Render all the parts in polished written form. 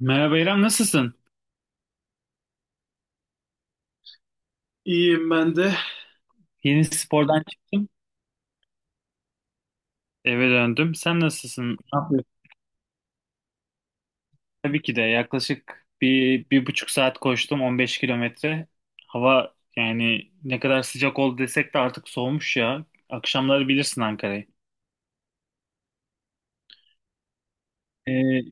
Merhaba İrem, nasılsın? İyiyim ben de. Yeni spordan çıktım, eve döndüm. Sen nasılsın? Ne yapıyorsun? Tabii ki de yaklaşık 1,5 saat koştum, 15 kilometre. Hava yani ne kadar sıcak oldu desek de artık soğumuş ya. Akşamları bilirsin Ankara'yı. Ee,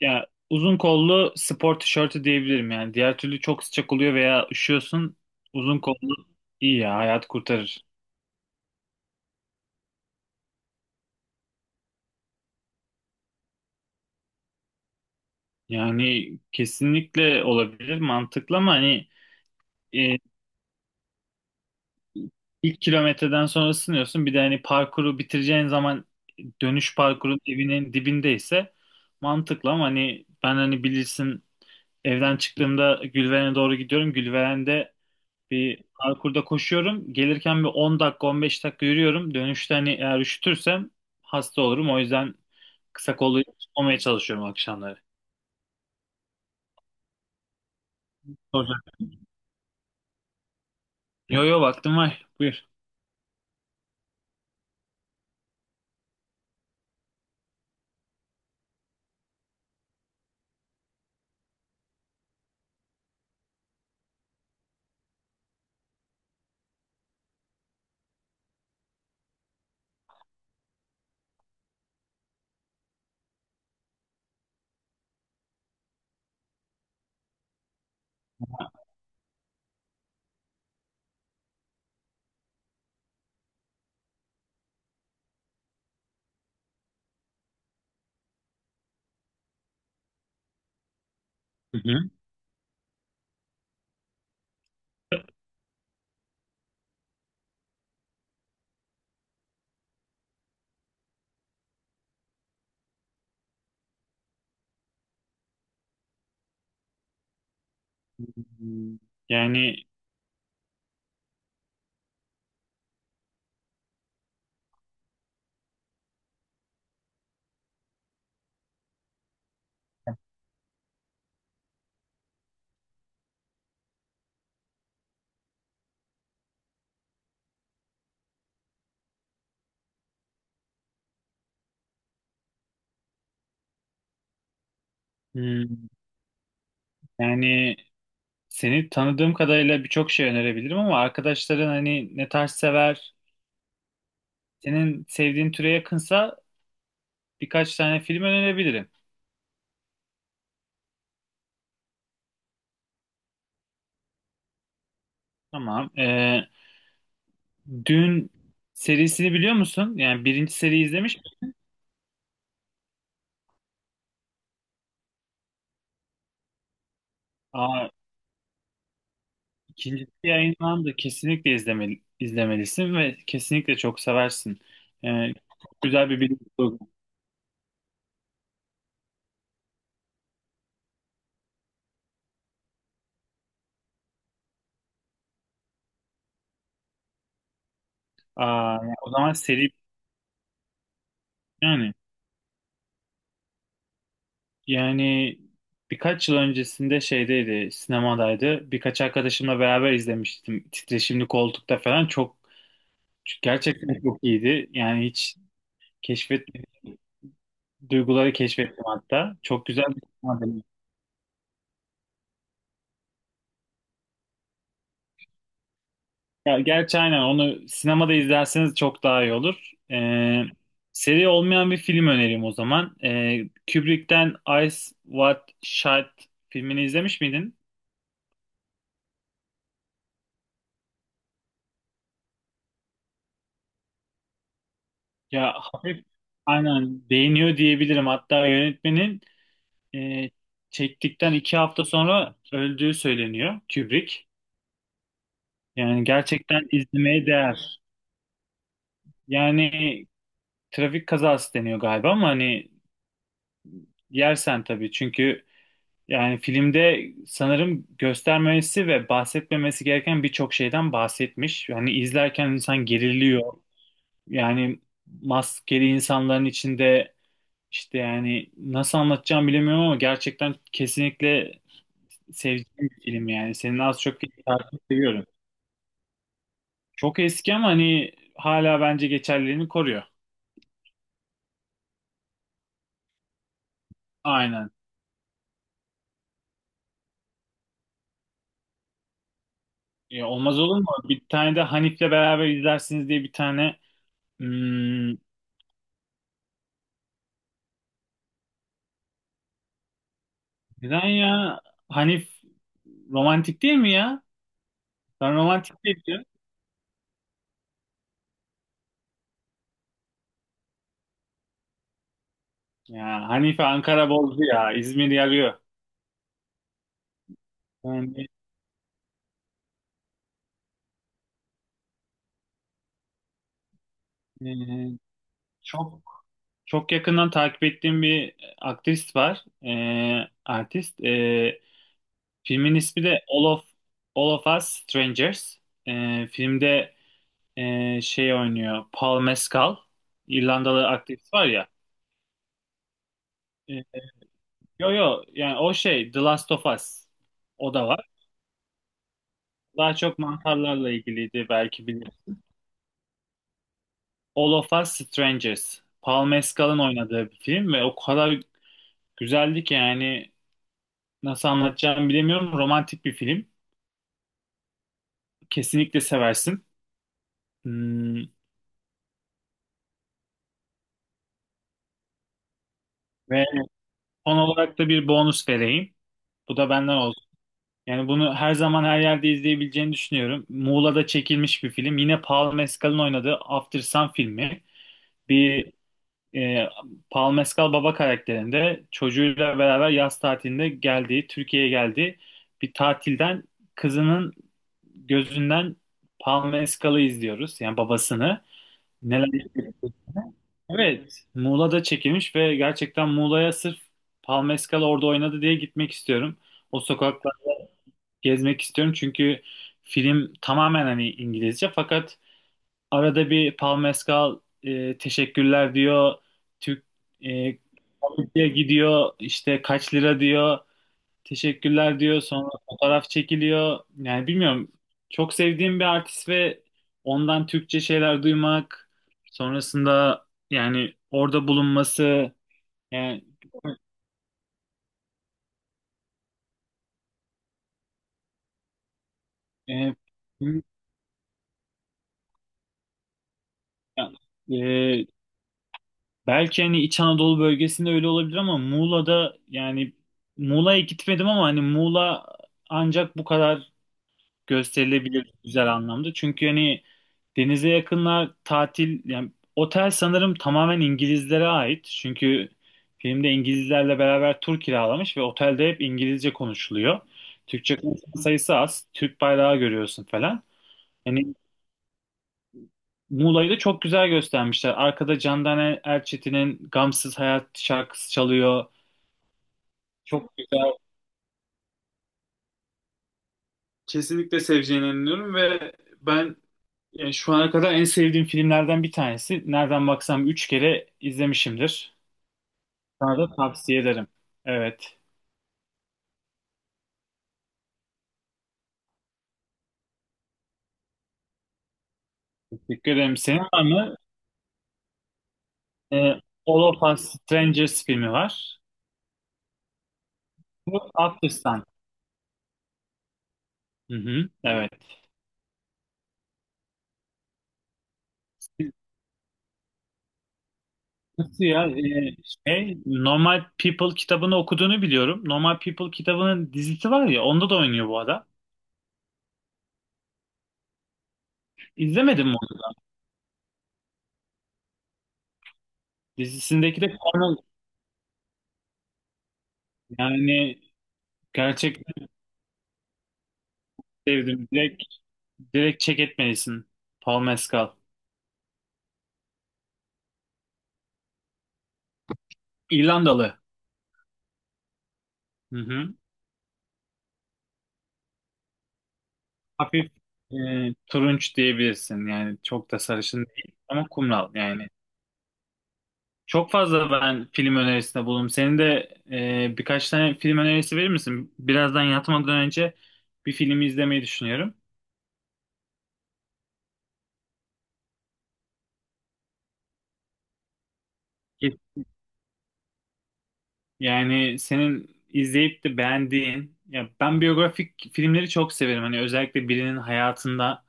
ya uzun kollu spor tişörtü diyebilirim yani. Diğer türlü çok sıcak oluyor veya üşüyorsun. Uzun kollu iyi ya, hayat kurtarır. Yani kesinlikle olabilir, mantıklı ama hani. e, İlk kilometreden sonra ısınıyorsun. Bir de hani parkuru bitireceğin zaman dönüş parkurun evinin dibindeyse mantıklı ama hani ben hani bilirsin evden çıktığımda Gülveren'e doğru gidiyorum. Gülveren'de bir parkurda koşuyorum. Gelirken bir 10 dakika 15 dakika yürüyorum. Dönüşte hani eğer üşütürsem hasta olurum. O yüzden kısa kollu olmaya çalışıyorum akşamları. Olacak. Yo yo vaktim var. Buyur. Hı hı. Yani hmm, yani seni tanıdığım kadarıyla birçok şey önerebilirim ama arkadaşların hani ne tarz sever, senin sevdiğin türe yakınsa birkaç tane film önerebilirim. Tamam. Dün serisini biliyor musun? Yani birinci seri izlemiş misin? Aa, ikincisi yayınlandı. Kesinlikle izlemeli, izlemelisin ve kesinlikle çok seversin. Ee, çok güzel bir bilim kurgu. Aa, yani o zaman seri yani. Yani birkaç yıl öncesinde şeydeydi, sinemadaydı. Birkaç arkadaşımla beraber izlemiştim. Titreşimli koltukta falan çok gerçekten çok iyiydi. Yani hiç keşfet duyguları keşfettim hatta. Çok güzel bir sinema deneyimi. Ya gerçi aynen onu sinemada izlerseniz çok daha iyi olur. Seri olmayan bir film önereyim o zaman. Kubrick'ten Eyes Wide Shut filmini izlemiş miydin? Ya hafif. Aynen beğeniyor diyebilirim. Hatta yönetmenin e, çektikten 2 hafta sonra öldüğü söyleniyor, Kubrick. Yani gerçekten izlemeye değer. Yani trafik kazası deniyor galiba ama hani yersen tabii, çünkü yani filmde sanırım göstermemesi ve bahsetmemesi gereken birçok şeyden bahsetmiş. Yani izlerken insan geriliyor. Yani maskeli insanların içinde işte yani nasıl anlatacağım bilemiyorum ama gerçekten kesinlikle sevdiğim bir film yani. Senin az çok takip seviyorum. Çok eski ama hani hala bence geçerliliğini koruyor. Aynen. Ya olmaz olur mu? Bir tane de Hanif'le beraber izlersiniz diye bir tane. hmm, neden ya? Hanif romantik değil mi ya? Ben romantik değil diyorum. Ya, Hanife Ankara bozdu ya. İzmir yarıyor. Yani, e, çok çok yakından takip ettiğim bir aktrist var. Artist. Filmin ismi de All of Us Strangers. Filmde şey oynuyor. Paul Mescal. İrlandalı aktivist var ya. E, yo yo yani o şey The Last of Us. O da var. Daha çok mantarlarla ilgiliydi, belki bilir. All of Us Strangers. Paul Mescal'ın oynadığı bir film ve o kadar güzeldi ki yani nasıl anlatacağımı bilemiyorum. Romantik bir film. Kesinlikle seversin. Hmm, Ve son olarak da bir bonus vereyim. Bu da benden. Yani bunu her zaman her yerde izleyebileceğini düşünüyorum. Muğla'da çekilmiş bir film. Yine Paul Mescal'ın oynadığı After Sun filmi. Bir e, Paul Mescal baba karakterinde çocuğuyla beraber yaz tatilinde geldiği, Türkiye'ye geldiği bir tatilden kızının gözünden Paul Mescal'ı izliyoruz. Yani babasını. Neler yapıyor? Evet, Muğla'da çekilmiş ve gerçekten Muğla'ya sırf Paul Mescal orada oynadı diye gitmek istiyorum. O sokak gezmek istiyorum çünkü film tamamen hani İngilizce, fakat arada bir Paul Mescal teşekkürler diyor. Türk e, Türkiye gidiyor, işte kaç lira diyor. Teşekkürler diyor. Sonra fotoğraf çekiliyor. Yani bilmiyorum. Çok sevdiğim bir artist ve ondan Türkçe şeyler duymak, sonrasında yani orada bulunması yani. e, e, Belki hani İç Anadolu bölgesinde öyle olabilir ama Muğla'da yani Muğla'ya gitmedim ama hani Muğla ancak bu kadar gösterilebilir, güzel anlamda. Çünkü hani denize yakınlar, tatil yani, otel sanırım tamamen İngilizlere ait. Çünkü filmde İngilizlerle beraber tur kiralamış ve otelde hep İngilizce konuşuluyor. Türkçe konuşan sayısı az. Türk bayrağı görüyorsun falan. Hani Muğla'yı da çok güzel göstermişler. Arkada Candan Erçetin'in Gamsız Hayat şarkısı çalıyor. Çok güzel. Kesinlikle seveceğine inanıyorum ve ben yani şu ana kadar en sevdiğim filmlerden bir tanesi. Nereden baksam 3 kere izlemişimdir. Sana da tavsiye ederim. Evet. Teşekkür ederim. Senin var mı? Ee, All of Us Strangers filmi var. Bu After Sun. Hı hı. Evet. Nasıl ya? Şey, Normal People kitabını okuduğunu biliyorum. Normal People kitabının dizisi var ya, onda da oynuyor bu adam. İzlemedim mi onu? Dizisindeki de Connell. Yani gerçekten sevdim. Direkt, direkt check etmelisin. Paul Mescal. İrlandalı. Hı hı. Hafif e, turunç diyebilirsin. Yani çok da sarışın değil ama kumral yani. Çok fazla ben film önerisinde bulundum. Senin de birkaç tane film önerisi verir misin? Birazdan yatmadan önce bir filmi izlemeyi düşünüyorum. Ki- Yani senin izleyip de beğendiğin, ya ben biyografik filmleri çok severim. Hani özellikle birinin hayatında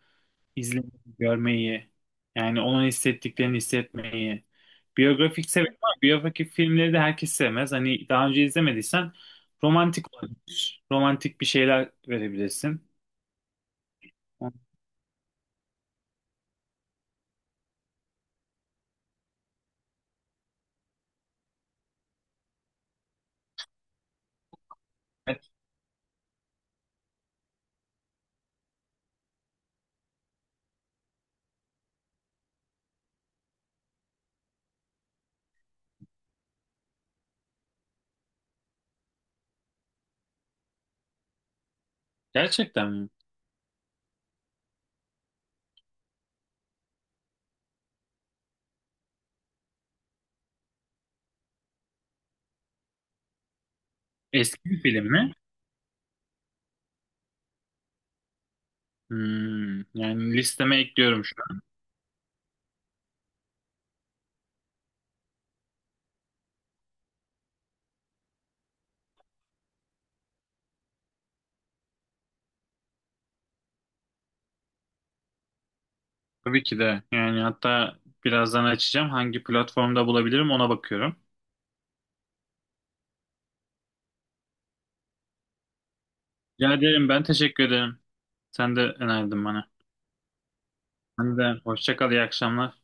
izlemeyi, görmeyi, yani onun hissettiklerini hissetmeyi. Biyografik severim ama biyografik filmleri de herkes sevmez. Hani daha önce izlemediysen romantik olabilir. Romantik bir şeyler verebilirsin. Gerçekten mi? Eski bir film mi? Yani listeme ekliyorum şu an. Tabii ki de. Yani hatta birazdan açacağım. Hangi platformda bulabilirim ona bakıyorum. Rica ederim, ben teşekkür ederim. Sen de önerdin bana. Sen de hoşça kal, iyi akşamlar.